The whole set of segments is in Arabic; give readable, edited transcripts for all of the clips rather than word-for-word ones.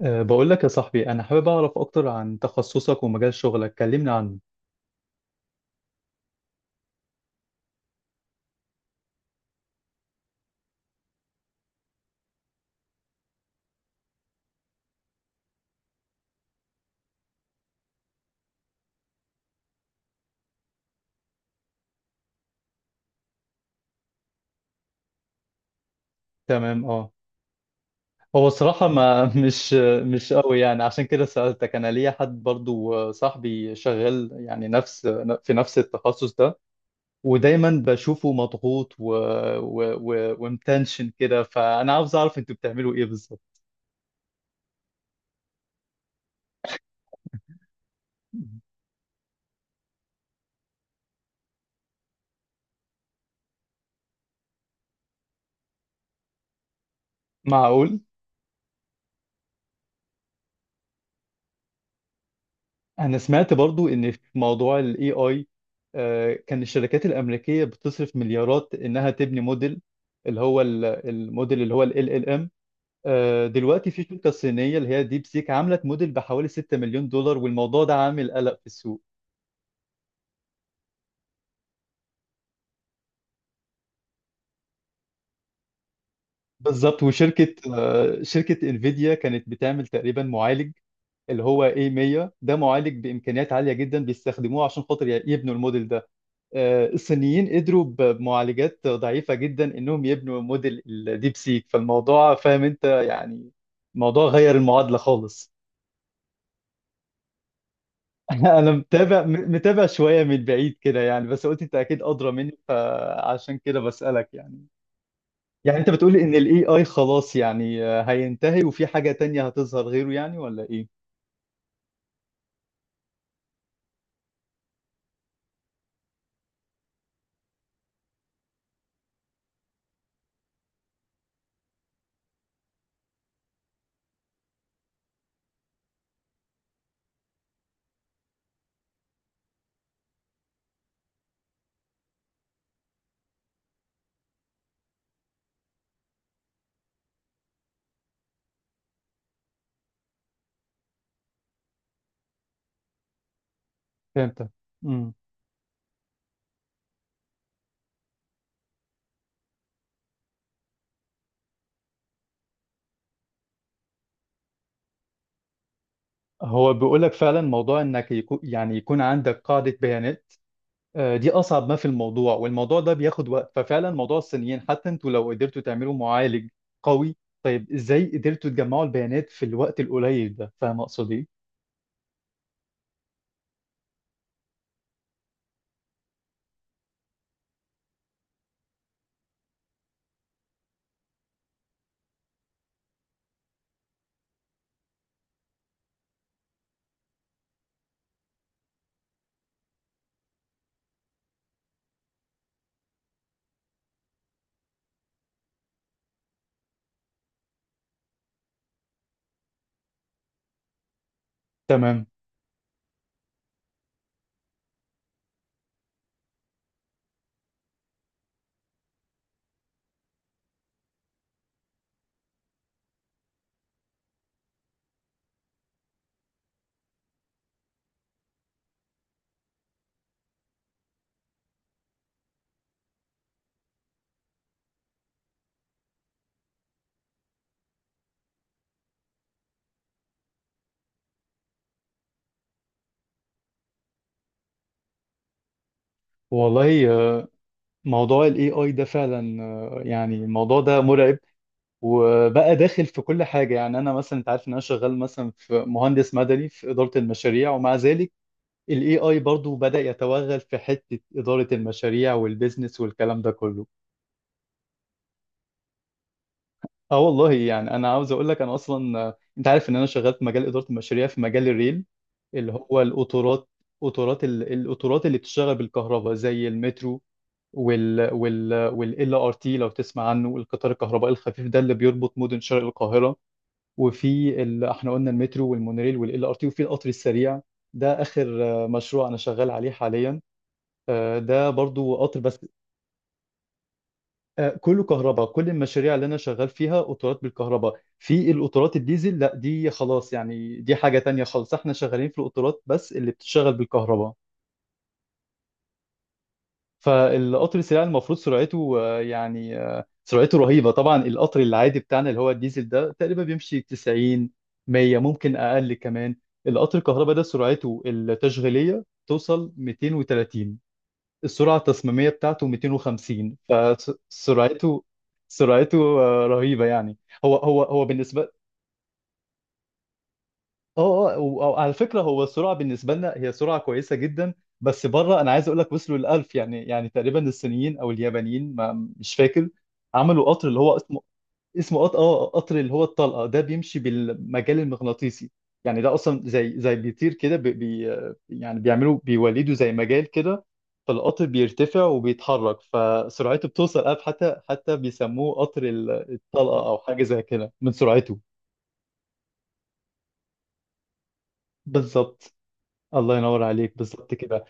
بقول لك يا صاحبي، أنا حابب أعرف أكتر عن تخصصك ومجال شغلك، كلمني عنه. تمام، أه. هو الصراحة ما مش قوي، يعني عشان كده سألتك. أنا ليا حد برضو، صاحبي شغال يعني نفس في نفس التخصص ده، ودايما بشوفه مضغوط ومتنشن كده، فأنا عاوز أعرف أنتوا بتعملوا إيه بالظبط؟ معقول؟ انا سمعت برضو ان في موضوع الاي اي كان الشركات الامريكيه بتصرف مليارات انها تبني موديل، الموديل اللي هو ال ال ام. دلوقتي في شركه صينيه اللي هي ديب سيك عملت موديل بحوالي 6 مليون دولار، والموضوع ده عامل قلق في السوق. بالظبط. وشركه آه، شركه انفيديا كانت بتعمل تقريبا معالج اللي هو A100، ده معالج بامكانيات عاليه جدا بيستخدموه عشان خاطر يبنوا الموديل ده. الصينيين قدروا بمعالجات ضعيفة جدا انهم يبنوا موديل الديب سيك. فالموضوع فاهم انت يعني، الموضوع غير المعادلة خالص. انا متابع، متابع شوية من بعيد كده يعني، بس قلت انت اكيد ادرى مني فعشان كده بسألك. يعني يعني انت بتقولي ان الاي اي خلاص يعني هينتهي وفي حاجة تانية هتظهر غيره يعني، ولا ايه؟ فهمت. امم. هو بيقولك فعلا موضوع انك يكون يعني يكون عندك قاعدة بيانات. دي اصعب ما في الموضوع، والموضوع ده بياخد وقت. ففعلا موضوع الصينيين، حتى انتوا لو قدرتوا تعملوا معالج قوي، طيب ازاي قدرتوا تجمعوا البيانات في الوقت القليل ده؟ فاهم اقصد ايه. تمام. والله موضوع الاي اي ده فعلا يعني الموضوع ده مرعب، وبقى داخل في كل حاجه. يعني انا مثلا، انت عارف ان انا شغال مثلا في مهندس مدني في اداره المشاريع، ومع ذلك الاي اي برضو بدأ يتوغل في حته اداره المشاريع والبيزنس والكلام ده كله. اه والله يعني انا عاوز اقول لك، انا اصلا انت عارف ان انا شغال في مجال اداره المشاريع في مجال الريل، اللي هو القطارات. القطارات اللي بتشتغل بالكهرباء زي المترو، وال وال وال ار تي لو تسمع عنه، القطار الكهربائي الخفيف ده اللي بيربط مدن شرق القاهره. احنا قلنا المترو والمونوريل وال ار تي، وفي القطر السريع. ده اخر مشروع انا شغال عليه حاليا. ده برضو قطر بس كله كهرباء. كل المشاريع اللي انا شغال فيها قطارات بالكهرباء، في القطارات الديزل لا، دي خلاص يعني، دي حاجة تانية خالص. احنا شغالين في القطارات بس اللي بتشتغل بالكهرباء. فالقطر السريع المفروض سرعته يعني سرعته رهيبة. طبعا القطر العادي بتاعنا اللي هو الديزل ده تقريبا بيمشي 90، 100، ممكن اقل كمان. القطر الكهرباء ده سرعته التشغيلية توصل 230، السرعة التصميمية بتاعته 250. سرعته رهيبة يعني. هو بالنسبة. اه اه وعلى فكرة هو السرعة بالنسبة لنا هي سرعة كويسة جدا، بس بره انا عايز اقول لك وصلوا للألف. يعني يعني تقريبا الصينيين او اليابانيين، ما مش فاكر، عملوا قطر اللي هو اه قطر اللي هو الطلقه ده بيمشي بالمجال المغناطيسي. يعني ده اصلا زي بيطير كده، يعني بيعملوا بيولدوا زي مجال كده، فالقطر بيرتفع وبيتحرك، فسرعته بتوصل أب حتى بيسموه قطر الطلقه او حاجه زي كده من سرعته. بالظبط. الله ينور عليك، بالظبط كده.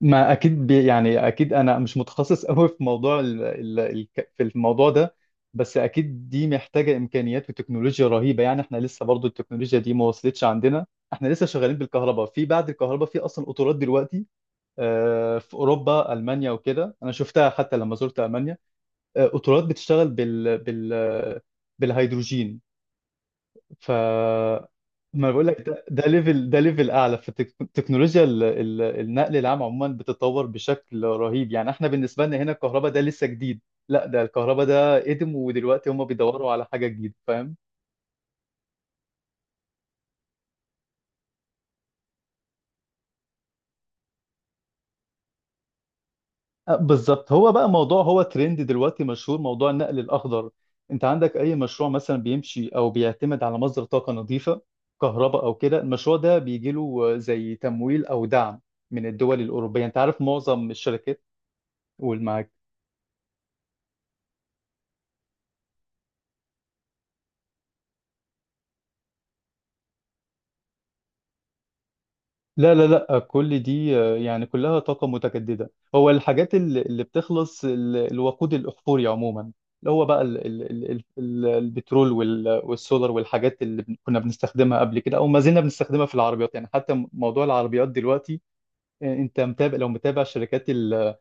ما اكيد يعني اكيد انا مش متخصص قوي في موضوع ال ال ال في الموضوع ده، بس اكيد دي محتاجه امكانيات وتكنولوجيا رهيبه. يعني احنا لسه برضو التكنولوجيا دي ما وصلتش عندنا، احنا لسه شغالين بالكهرباء، في بعد الكهرباء في اصلا قطارات دلوقتي. في اوروبا، المانيا وكده، انا شفتها حتى لما زرت المانيا، قطارات بتشتغل بالهيدروجين. ف ما بقول لك، ده ليفل اعلى. فالتكنولوجيا، النقل العام عموما بتتطور بشكل رهيب، يعني احنا بالنسبه لنا هنا الكهرباء ده لسه جديد، لا ده الكهرباء ده قدم، ودلوقتي هم بيدوروا على حاجه جديده، فاهم. بالظبط. هو بقى موضوع، هو ترند دلوقتي مشهور، موضوع النقل الاخضر. انت عندك اي مشروع مثلا بيمشي او بيعتمد على مصدر طاقه نظيفه، كهرباء او كده، المشروع ده بيجي له زي تمويل او دعم من الدول الاوروبيه، انت عارف معظم الشركات والمعارف. لا لا لا، كل دي يعني كلها طاقة متجددة. هو الحاجات اللي بتخلص الوقود الأحفوري عموما، اللي هو بقى البترول والسولار، والحاجات كنا بنستخدمها قبل كده أو ما زلنا بنستخدمها في العربيات. يعني حتى موضوع العربيات دلوقتي، أنت متابع، لو متابع شركات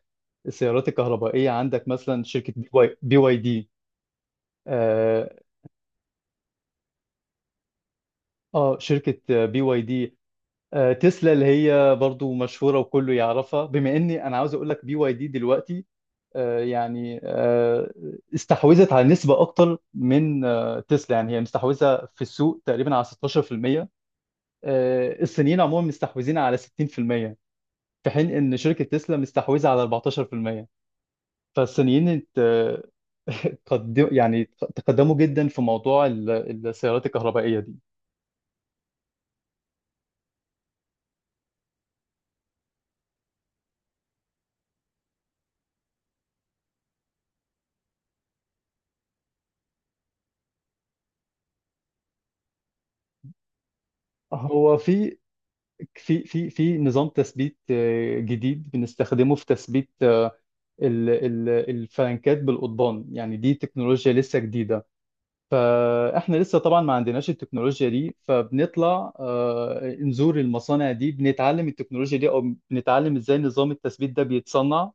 السيارات الكهربائية، عندك مثلا شركة بي واي دي. آه. شركة بي واي دي، تسلا اللي هي برضو مشهورة وكله يعرفها. بما اني انا عاوز اقول لك بي واي دي دلوقتي آه، يعني آه، استحوذت على نسبة أكتر من تسلا، يعني هي مستحوذة في السوق تقريبا على 16%. الصينيين عموما مستحوذين على 60% في المية، في حين إن شركة تسلا مستحوذة على 14%. فالصينيين ات- قدم يعني، تقدموا جدا في موضوع السيارات الكهربائية دي. هو في في نظام تثبيت جديد بنستخدمه في تثبيت الفلانكات بالقضبان. يعني دي تكنولوجيا لسه جديدة، فاحنا لسه طبعا ما عندناش التكنولوجيا دي، فبنطلع نزور المصانع دي، بنتعلم التكنولوجيا دي او بنتعلم ازاي نظام التثبيت ده بيتصنع،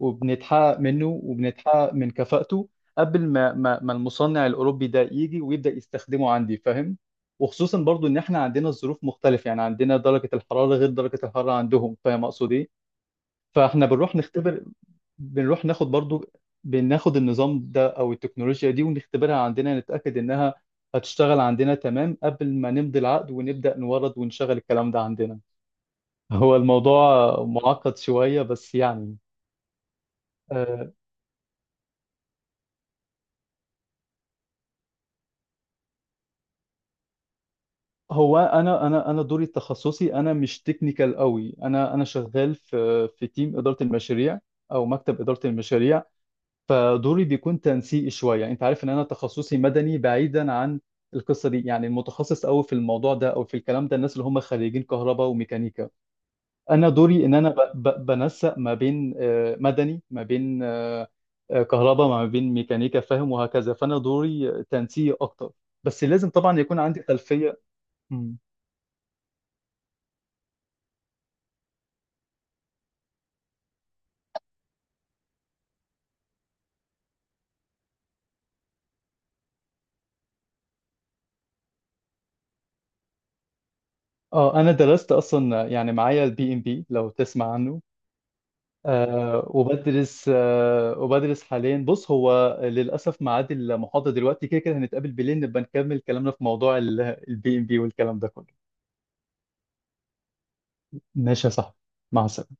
وبنتحقق منه وبنتحقق من كفاءته قبل ما المصنع الاوروبي ده يجي ويبدا يستخدمه عندي، فاهم. وخصوصا برضو ان احنا عندنا الظروف مختلفه، يعني عندنا درجه الحراره غير درجه الحراره عندهم، فاهم اقصد ايه. فاحنا بنروح نختبر، بنروح ناخد برضو، بناخد النظام ده او التكنولوجيا دي ونختبرها عندنا، نتأكد انها هتشتغل عندنا تمام قبل ما نمضي العقد ونبدأ نورد ونشغل الكلام ده عندنا. هو الموضوع معقد شوية بس يعني. آه، هو انا دوري التخصصي، انا مش تكنيكال قوي، انا شغال في في تيم إدارة المشاريع او مكتب إدارة المشاريع. فدوري بيكون تنسيقي شويه. انت عارف ان انا تخصصي مدني بعيدا عن القصه دي يعني، المتخصص قوي في الموضوع ده او في الكلام ده الناس اللي هم خريجين كهرباء وميكانيكا. انا دوري ان انا بنسق ما بين مدني، ما بين كهرباء، ما بين ميكانيكا، فاهم، وهكذا. فانا دوري تنسيقي اكتر، بس لازم طبعا يكون عندي خلفيه. مم. اه انا درست اصلا يعني معايا البي ام بي لو تسمع عنه. أه وبدرس حاليا. بص هو للأسف ميعاد المحاضرة دلوقتي، كده كده هنتقابل بالليل نبقى نكمل كلامنا في موضوع البي ام بي والكلام ده كله. ماشي يا صاحبي، مع السلامة.